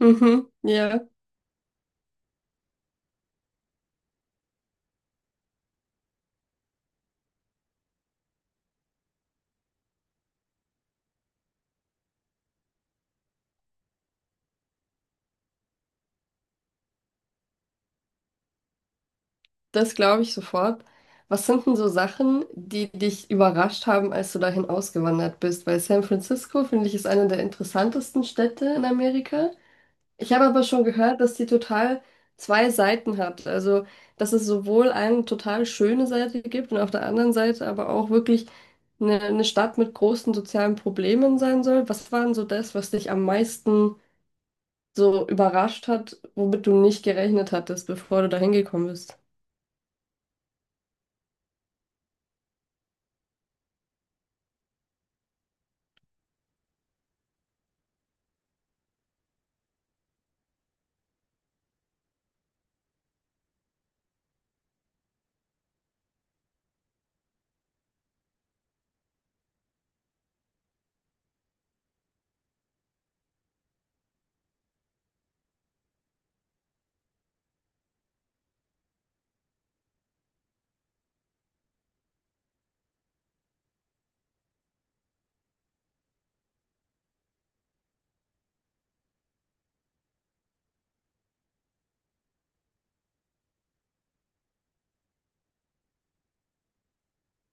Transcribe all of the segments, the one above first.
Mhm, ja, das glaube ich sofort. Was sind denn so Sachen, die dich überrascht haben, als du dahin ausgewandert bist? Weil San Francisco, finde ich, ist eine der interessantesten Städte in Amerika. Ich habe aber schon gehört, dass die total zwei Seiten hat. Also, dass es sowohl eine total schöne Seite gibt und auf der anderen Seite aber auch wirklich eine Stadt mit großen sozialen Problemen sein soll. Was war denn so das, was dich am meisten so überrascht hat, womit du nicht gerechnet hattest, bevor du dahin gekommen bist?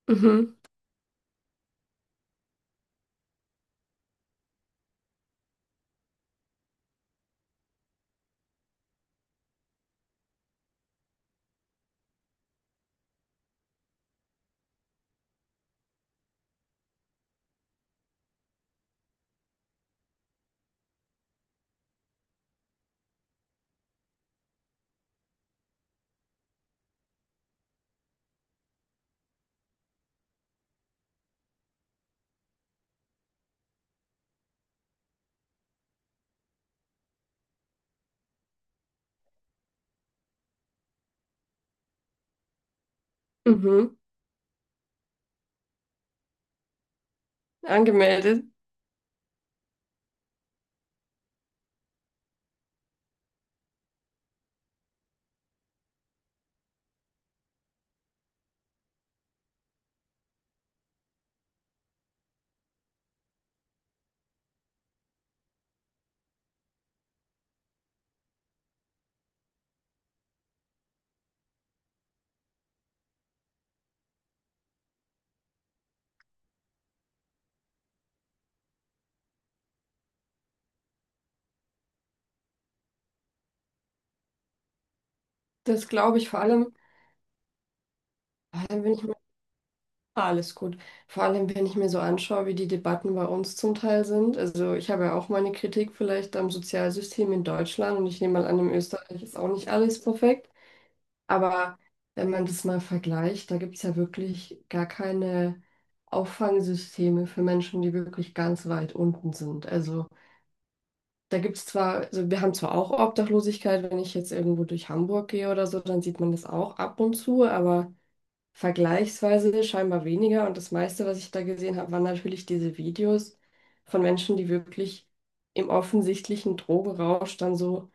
Mhm, mhm, angemeldet. Das glaube ich vor allem wenn ich mir, alles gut. Vor allem, wenn ich mir so anschaue, wie die Debatten bei uns zum Teil sind. Also ich habe ja auch meine Kritik vielleicht am Sozialsystem in Deutschland und ich nehme mal an, in Österreich ist auch nicht alles perfekt. Aber wenn man das mal vergleicht, da gibt es ja wirklich gar keine Auffangsysteme für Menschen, die wirklich ganz weit unten sind. Also da gibt es zwar, also wir haben zwar auch Obdachlosigkeit, wenn ich jetzt irgendwo durch Hamburg gehe oder so, dann sieht man das auch ab und zu, aber vergleichsweise scheinbar weniger. Und das meiste, was ich da gesehen habe, waren natürlich diese Videos von Menschen, die wirklich im offensichtlichen Drogenrausch dann so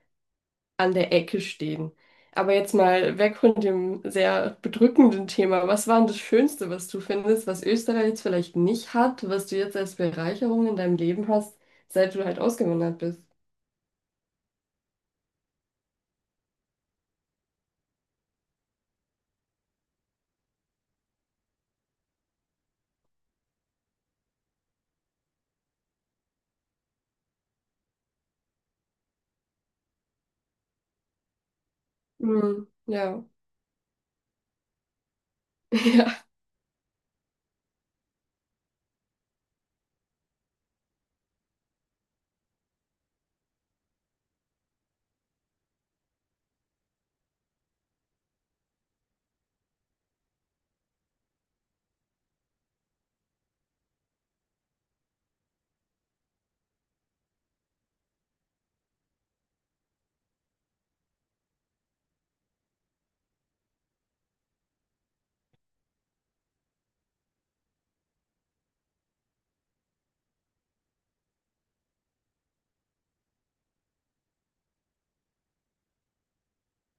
an der Ecke stehen. Aber jetzt mal weg von dem sehr bedrückenden Thema. Was war denn das Schönste, was du findest, was Österreich jetzt vielleicht nicht hat, was du jetzt als Bereicherung in deinem Leben hast, seit du halt ausgewandert bist? Mhm. Ja, ja,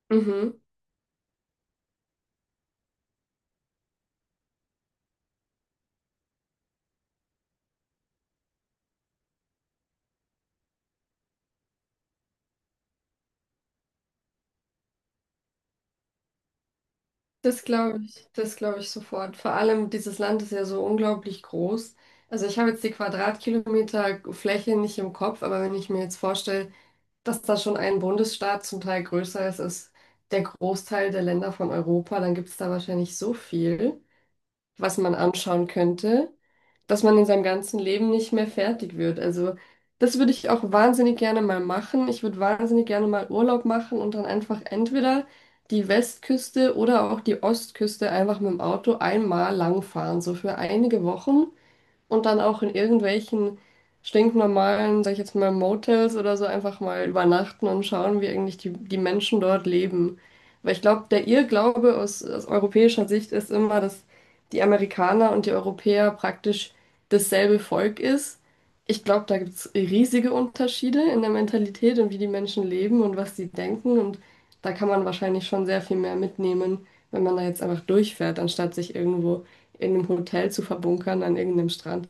mhm. Das glaube ich sofort. Vor allem dieses Land ist ja so unglaublich groß. Also ich habe jetzt die Quadratkilometer Fläche nicht im Kopf, aber wenn ich mir jetzt vorstelle, dass da schon ein Bundesstaat zum Teil größer ist als der Großteil der Länder von Europa, dann gibt es da wahrscheinlich so viel, was man anschauen könnte, dass man in seinem ganzen Leben nicht mehr fertig wird. Also das würde ich auch wahnsinnig gerne mal machen. Ich würde wahnsinnig gerne mal Urlaub machen und dann einfach entweder die Westküste oder auch die Ostküste einfach mit dem Auto einmal lang fahren, so für einige Wochen und dann auch in irgendwelchen stinknormalen, sag ich jetzt mal, Motels oder so einfach mal übernachten und schauen, wie eigentlich die Menschen dort leben. Weil ich glaube, der Irrglaube aus europäischer Sicht ist immer, dass die Amerikaner und die Europäer praktisch dasselbe Volk ist. Ich glaube, da gibt es riesige Unterschiede in der Mentalität und wie die Menschen leben und was sie denken. Und da kann man wahrscheinlich schon sehr viel mehr mitnehmen, wenn man da jetzt einfach durchfährt, anstatt sich irgendwo in einem Hotel zu verbunkern an irgendeinem Strand.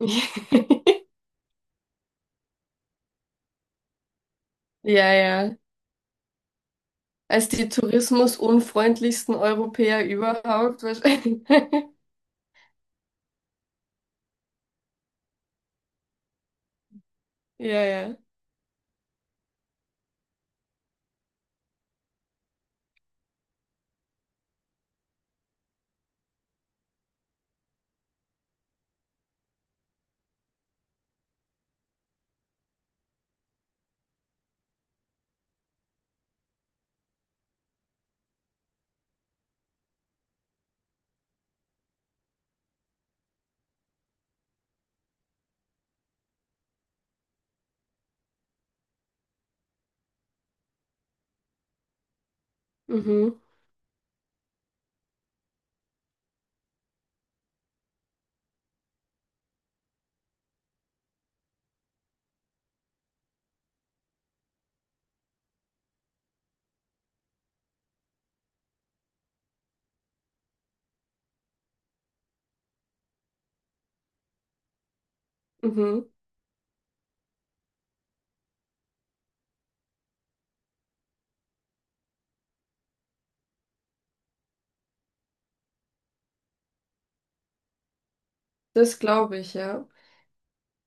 Ja, ja. Als die tourismusunfreundlichsten Europäer überhaupt wahrscheinlich. Ja, ja. Mhm, mhm. Das glaube ich, ja.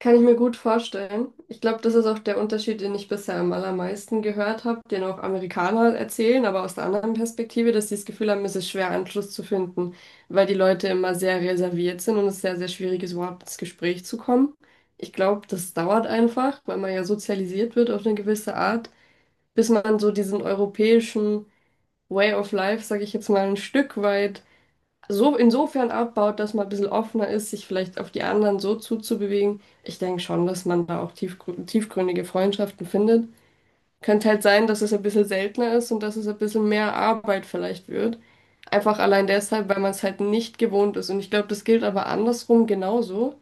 Kann ich mir gut vorstellen. Ich glaube, das ist auch der Unterschied, den ich bisher am allermeisten gehört habe, den auch Amerikaner erzählen, aber aus der anderen Perspektive, dass sie das Gefühl haben, es ist schwer, Anschluss zu finden, weil die Leute immer sehr reserviert sind und es sehr, sehr schwierig ist, überhaupt ins Gespräch zu kommen. Ich glaube, das dauert einfach, weil man ja sozialisiert wird auf eine gewisse Art, bis man so diesen europäischen Way of Life, sage ich jetzt mal, ein Stück weit so insofern abbaut, dass man ein bisschen offener ist, sich vielleicht auf die anderen so zuzubewegen. Ich denke schon, dass man da auch tiefgründige Freundschaften findet. Könnte halt sein, dass es ein bisschen seltener ist und dass es ein bisschen mehr Arbeit vielleicht wird. Einfach allein deshalb, weil man es halt nicht gewohnt ist. Und ich glaube, das gilt aber andersrum genauso.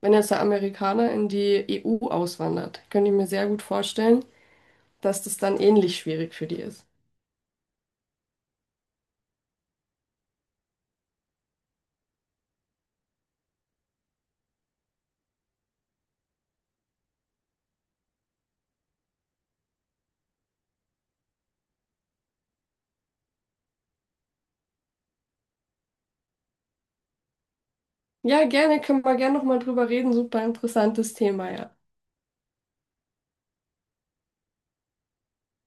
Wenn jetzt der Amerikaner in die EU auswandert, könnte ich mir sehr gut vorstellen, dass das dann ähnlich schwierig für die ist. Ja, gerne, können wir gerne nochmal drüber reden. Super interessantes Thema, ja.